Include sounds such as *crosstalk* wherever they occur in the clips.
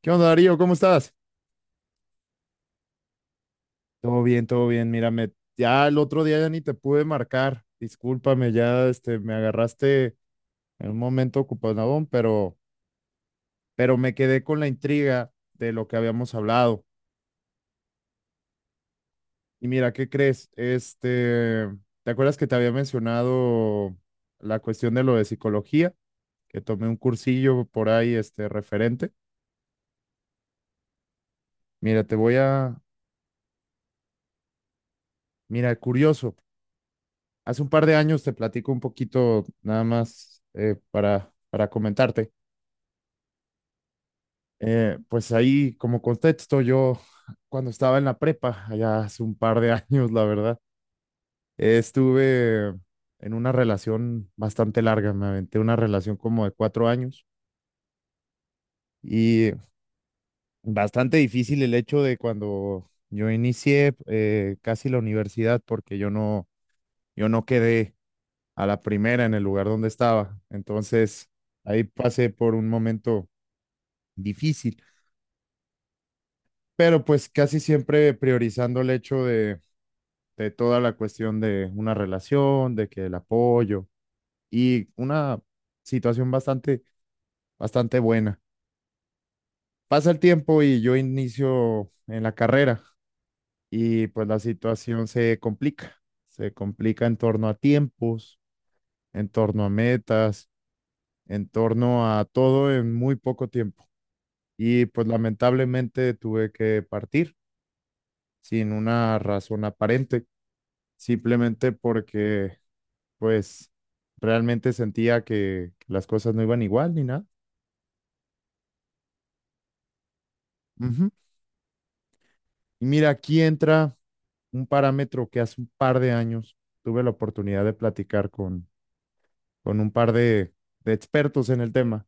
¿Qué onda, Darío? ¿Cómo estás? Todo bien, todo bien. Mírame. Ya el otro día ya ni te pude marcar. Discúlpame, ya me agarraste en un momento ocupadón, pero me quedé con la intriga de lo que habíamos hablado. Y mira, ¿qué crees? ¿Te acuerdas que te había mencionado la cuestión de lo de psicología? Que tomé un cursillo por ahí, referente. Mira, te voy a, mira, curioso. Hace un par de años te platico un poquito nada más para comentarte. Pues ahí como contexto, yo cuando estaba en la prepa, allá hace un par de *laughs* años, la verdad, estuve en una relación bastante larga, me aventé una relación como de 4 años y bastante difícil el hecho de cuando yo inicié casi la universidad porque yo no quedé a la primera en el lugar donde estaba. Entonces, ahí pasé por un momento difícil, pero pues casi siempre priorizando el hecho de toda la cuestión de una relación, de que el apoyo y una situación bastante, bastante buena. Pasa el tiempo y yo inicio en la carrera y pues la situación se complica en torno a tiempos, en torno a metas, en torno a todo en muy poco tiempo. Y pues lamentablemente tuve que partir sin una razón aparente, simplemente porque pues realmente sentía que las cosas no iban igual ni nada. Ujú. Y mira, aquí entra un parámetro que hace un par de años tuve la oportunidad de platicar con un par de expertos en el tema.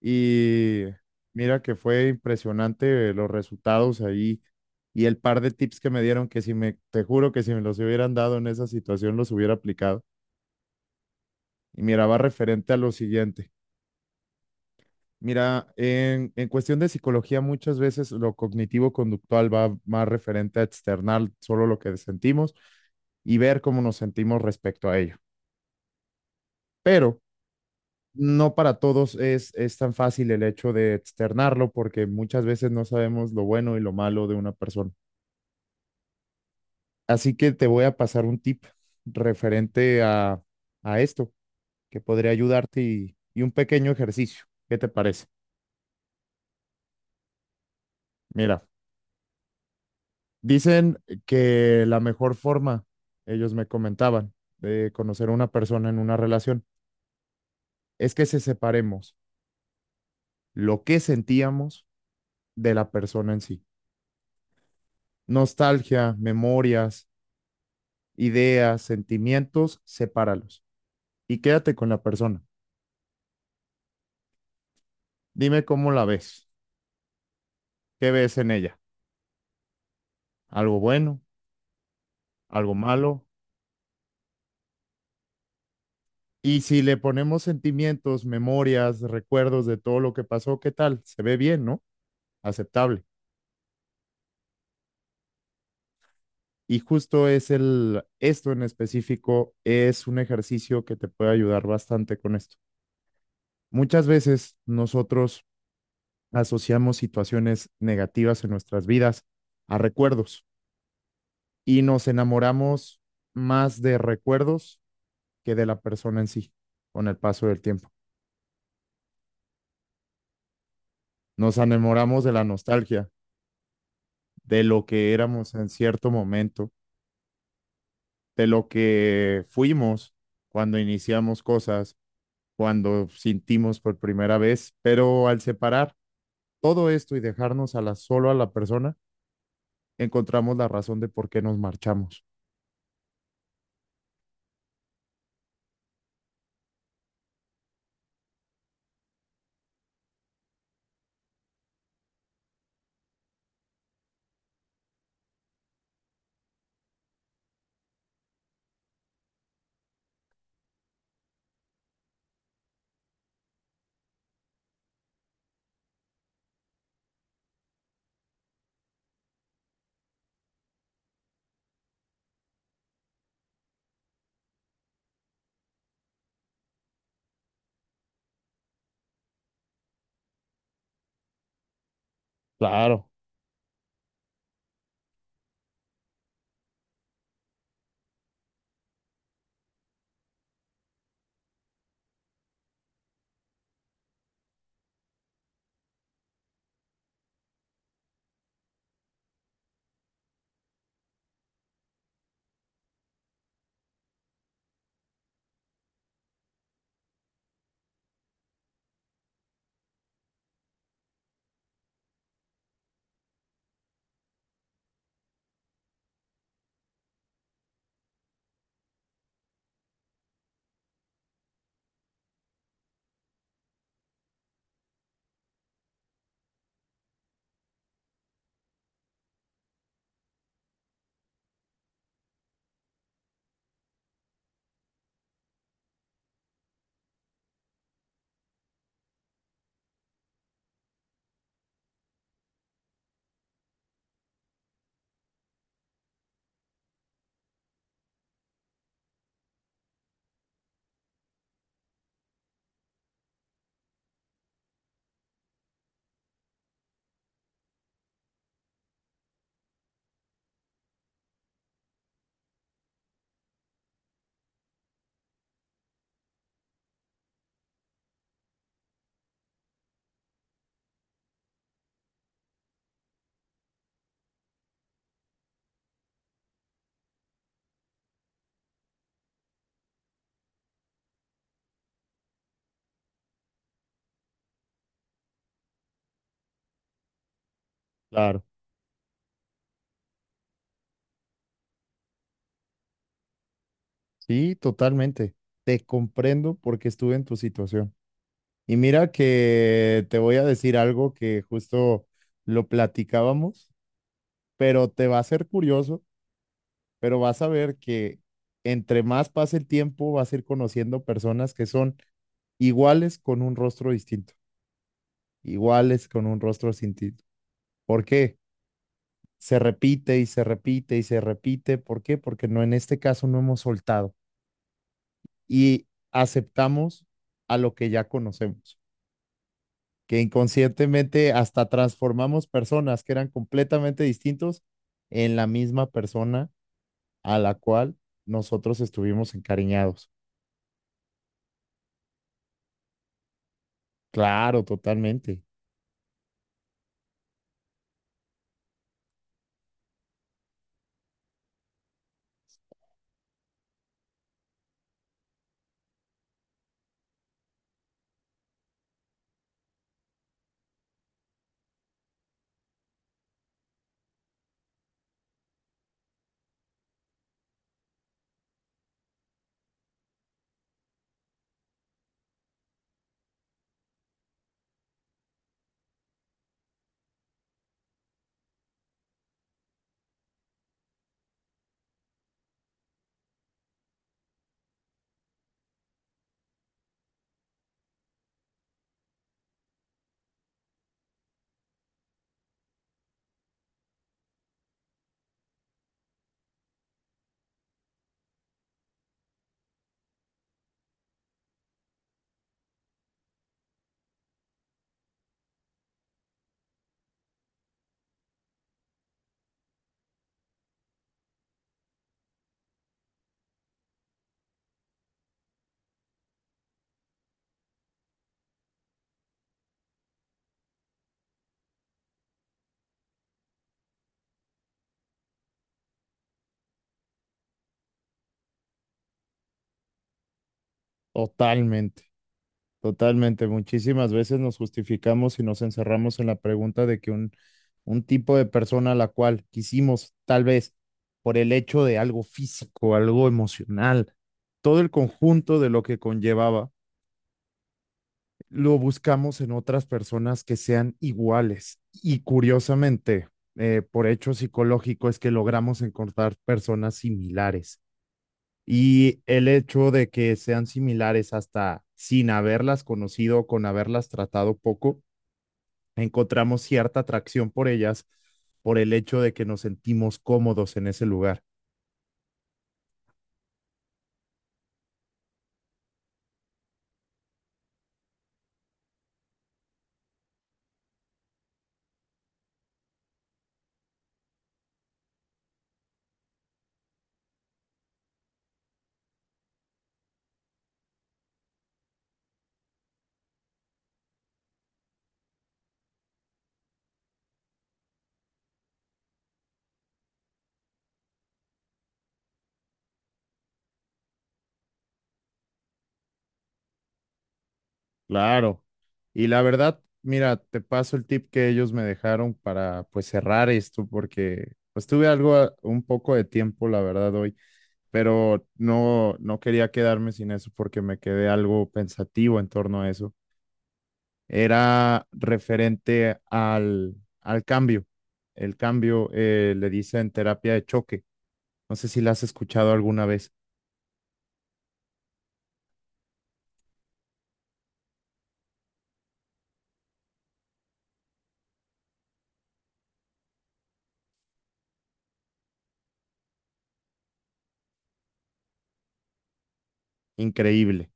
Y mira que fue impresionante los resultados ahí y el par de tips que me dieron que si me, te juro que si me los hubieran dado en esa situación los hubiera aplicado. Y mira, va referente a lo siguiente. Mira, en cuestión de psicología muchas veces lo cognitivo-conductual va más referente a externar solo lo que sentimos y ver cómo nos sentimos respecto a ello. Pero no para todos es tan fácil el hecho de externarlo porque muchas veces no sabemos lo bueno y lo malo de una persona. Así que te voy a pasar un tip referente a esto que podría ayudarte y un pequeño ejercicio. ¿Qué te parece? Mira, dicen que la mejor forma, ellos me comentaban, de conocer a una persona en una relación es que se separemos lo que sentíamos de la persona en sí. Nostalgia, memorias, ideas, sentimientos, sepáralos y quédate con la persona. Dime cómo la ves, qué ves en ella, algo bueno, algo malo. Y si le ponemos sentimientos, memorias, recuerdos de todo lo que pasó, ¿qué tal? Se ve bien, ¿no? Aceptable. Y justo es esto en específico es un ejercicio que te puede ayudar bastante con esto. Muchas veces nosotros asociamos situaciones negativas en nuestras vidas a recuerdos y nos enamoramos más de recuerdos que de la persona en sí con el paso del tiempo. Nos enamoramos de la nostalgia, de lo que éramos en cierto momento, de lo que fuimos cuando iniciamos cosas, cuando sentimos por primera vez, pero al separar todo esto y dejarnos solo a la persona, encontramos la razón de por qué nos marchamos. Claro, claro. Sí, totalmente. Te comprendo porque estuve en tu situación. Y mira que te voy a decir algo que justo lo platicábamos, pero te va a ser curioso, pero vas a ver que entre más pase el tiempo vas a ir conociendo personas que son iguales con un rostro distinto, iguales con un rostro distinto. ¿Por qué? Se repite y se repite y se repite. ¿Por qué? Porque no, en este caso no hemos soltado y aceptamos a lo que ya conocemos. Que inconscientemente hasta transformamos personas que eran completamente distintos en la misma persona a la cual nosotros estuvimos encariñados. Claro, totalmente, totalmente, totalmente. Muchísimas veces nos justificamos y nos encerramos en la pregunta de que un tipo de persona a la cual quisimos, tal vez por el hecho de algo físico, algo emocional, todo el conjunto de lo que conllevaba lo buscamos en otras personas que sean iguales. Y curiosamente, por hecho psicológico, es que logramos encontrar personas similares. Y el hecho de que sean similares hasta sin haberlas conocido, con haberlas tratado poco, encontramos cierta atracción por ellas por el hecho de que nos sentimos cómodos en ese lugar. Claro. Y la verdad, mira, te paso el tip que ellos me dejaron para pues cerrar esto, porque pues tuve algo, un poco de tiempo, la verdad, hoy, pero no, no quería quedarme sin eso porque me quedé algo pensativo en torno a eso. Era referente al cambio. El cambio le dicen terapia de choque. No sé si la has escuchado alguna vez. Increíble.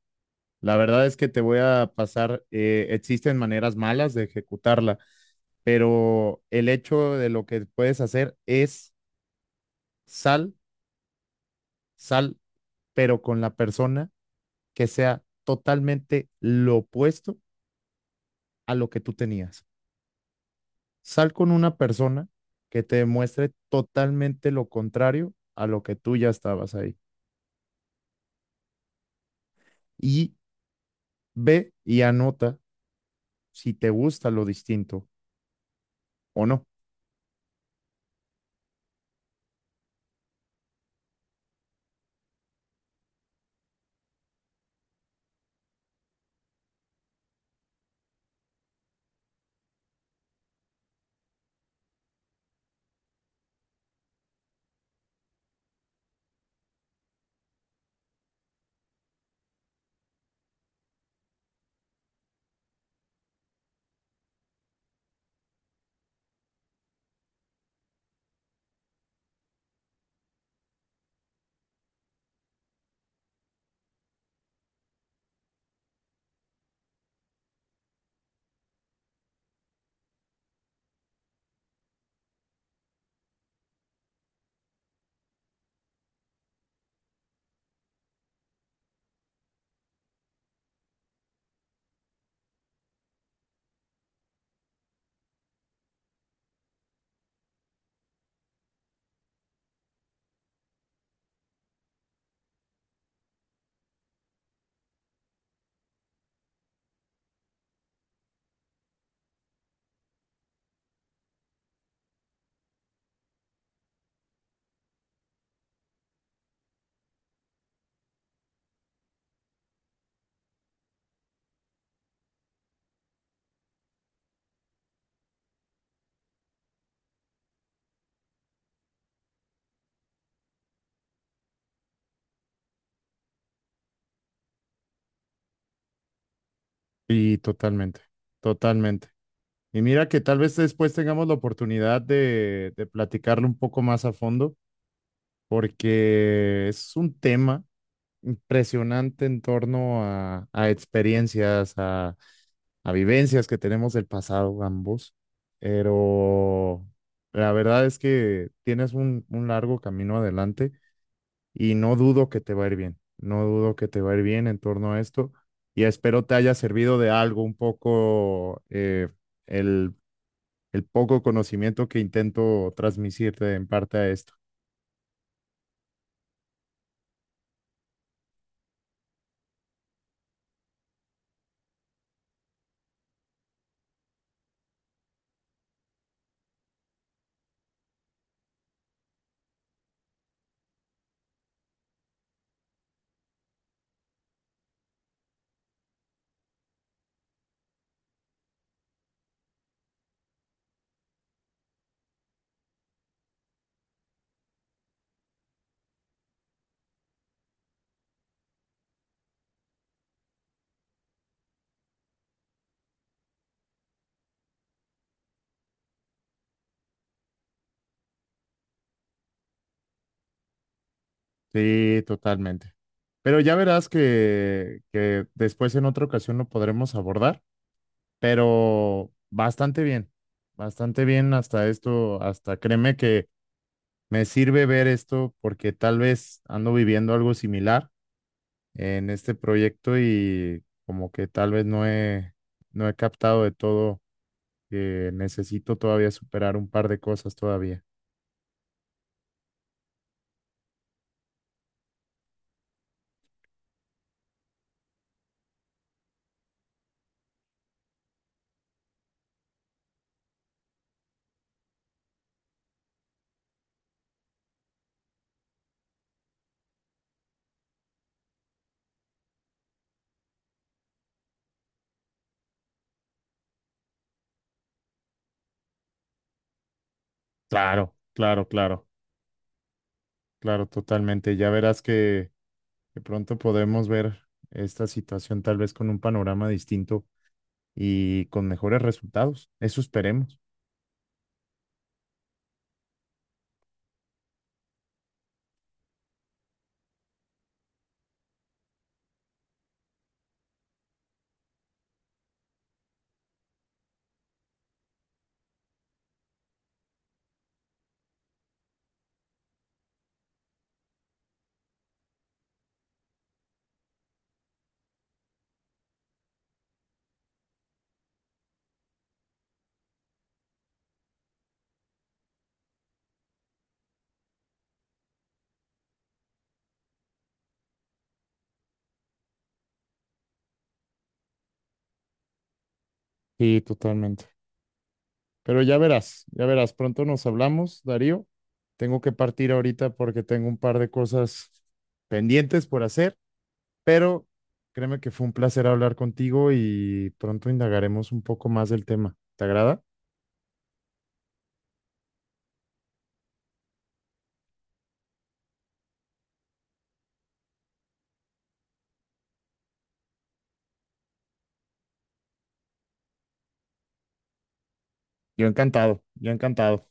La verdad es que te voy a pasar, existen maneras malas de ejecutarla, pero el hecho de lo que puedes hacer es sal, sal, pero con la persona que sea totalmente lo opuesto a lo que tú tenías. Sal con una persona que te demuestre totalmente lo contrario a lo que tú ya estabas ahí. Y ve y anota si te gusta lo distinto o no. Y totalmente, totalmente. Y mira que tal vez después tengamos la oportunidad de platicarlo un poco más a fondo, porque es un tema impresionante en torno a experiencias, a vivencias que tenemos del pasado ambos, pero la verdad es que tienes un largo camino adelante y no dudo que te va a ir bien, no dudo que te va a ir bien en torno a esto, y espero te haya servido de algo un poco el, el poco conocimiento que intento transmitirte en parte a esto. Sí, totalmente. Pero ya verás que después en otra ocasión lo podremos abordar, pero bastante bien hasta esto, hasta créeme que me sirve ver esto porque tal vez ando viviendo algo similar en este proyecto y como que tal vez no he captado de todo que necesito todavía superar un par de cosas todavía. Claro, claro, claro, claro, totalmente. Ya verás que pronto podemos ver esta situación tal vez con un panorama distinto y con mejores resultados. Eso esperemos. Sí, totalmente. Pero ya verás, pronto nos hablamos, Darío. Tengo que partir ahorita porque tengo un par de cosas pendientes por hacer, pero créeme que fue un placer hablar contigo y pronto indagaremos un poco más del tema. ¿Te agrada? Yo encantado, yo encantado.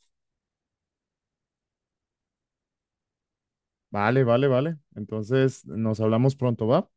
Vale, vale, vale. Entonces nos hablamos pronto, ¿va?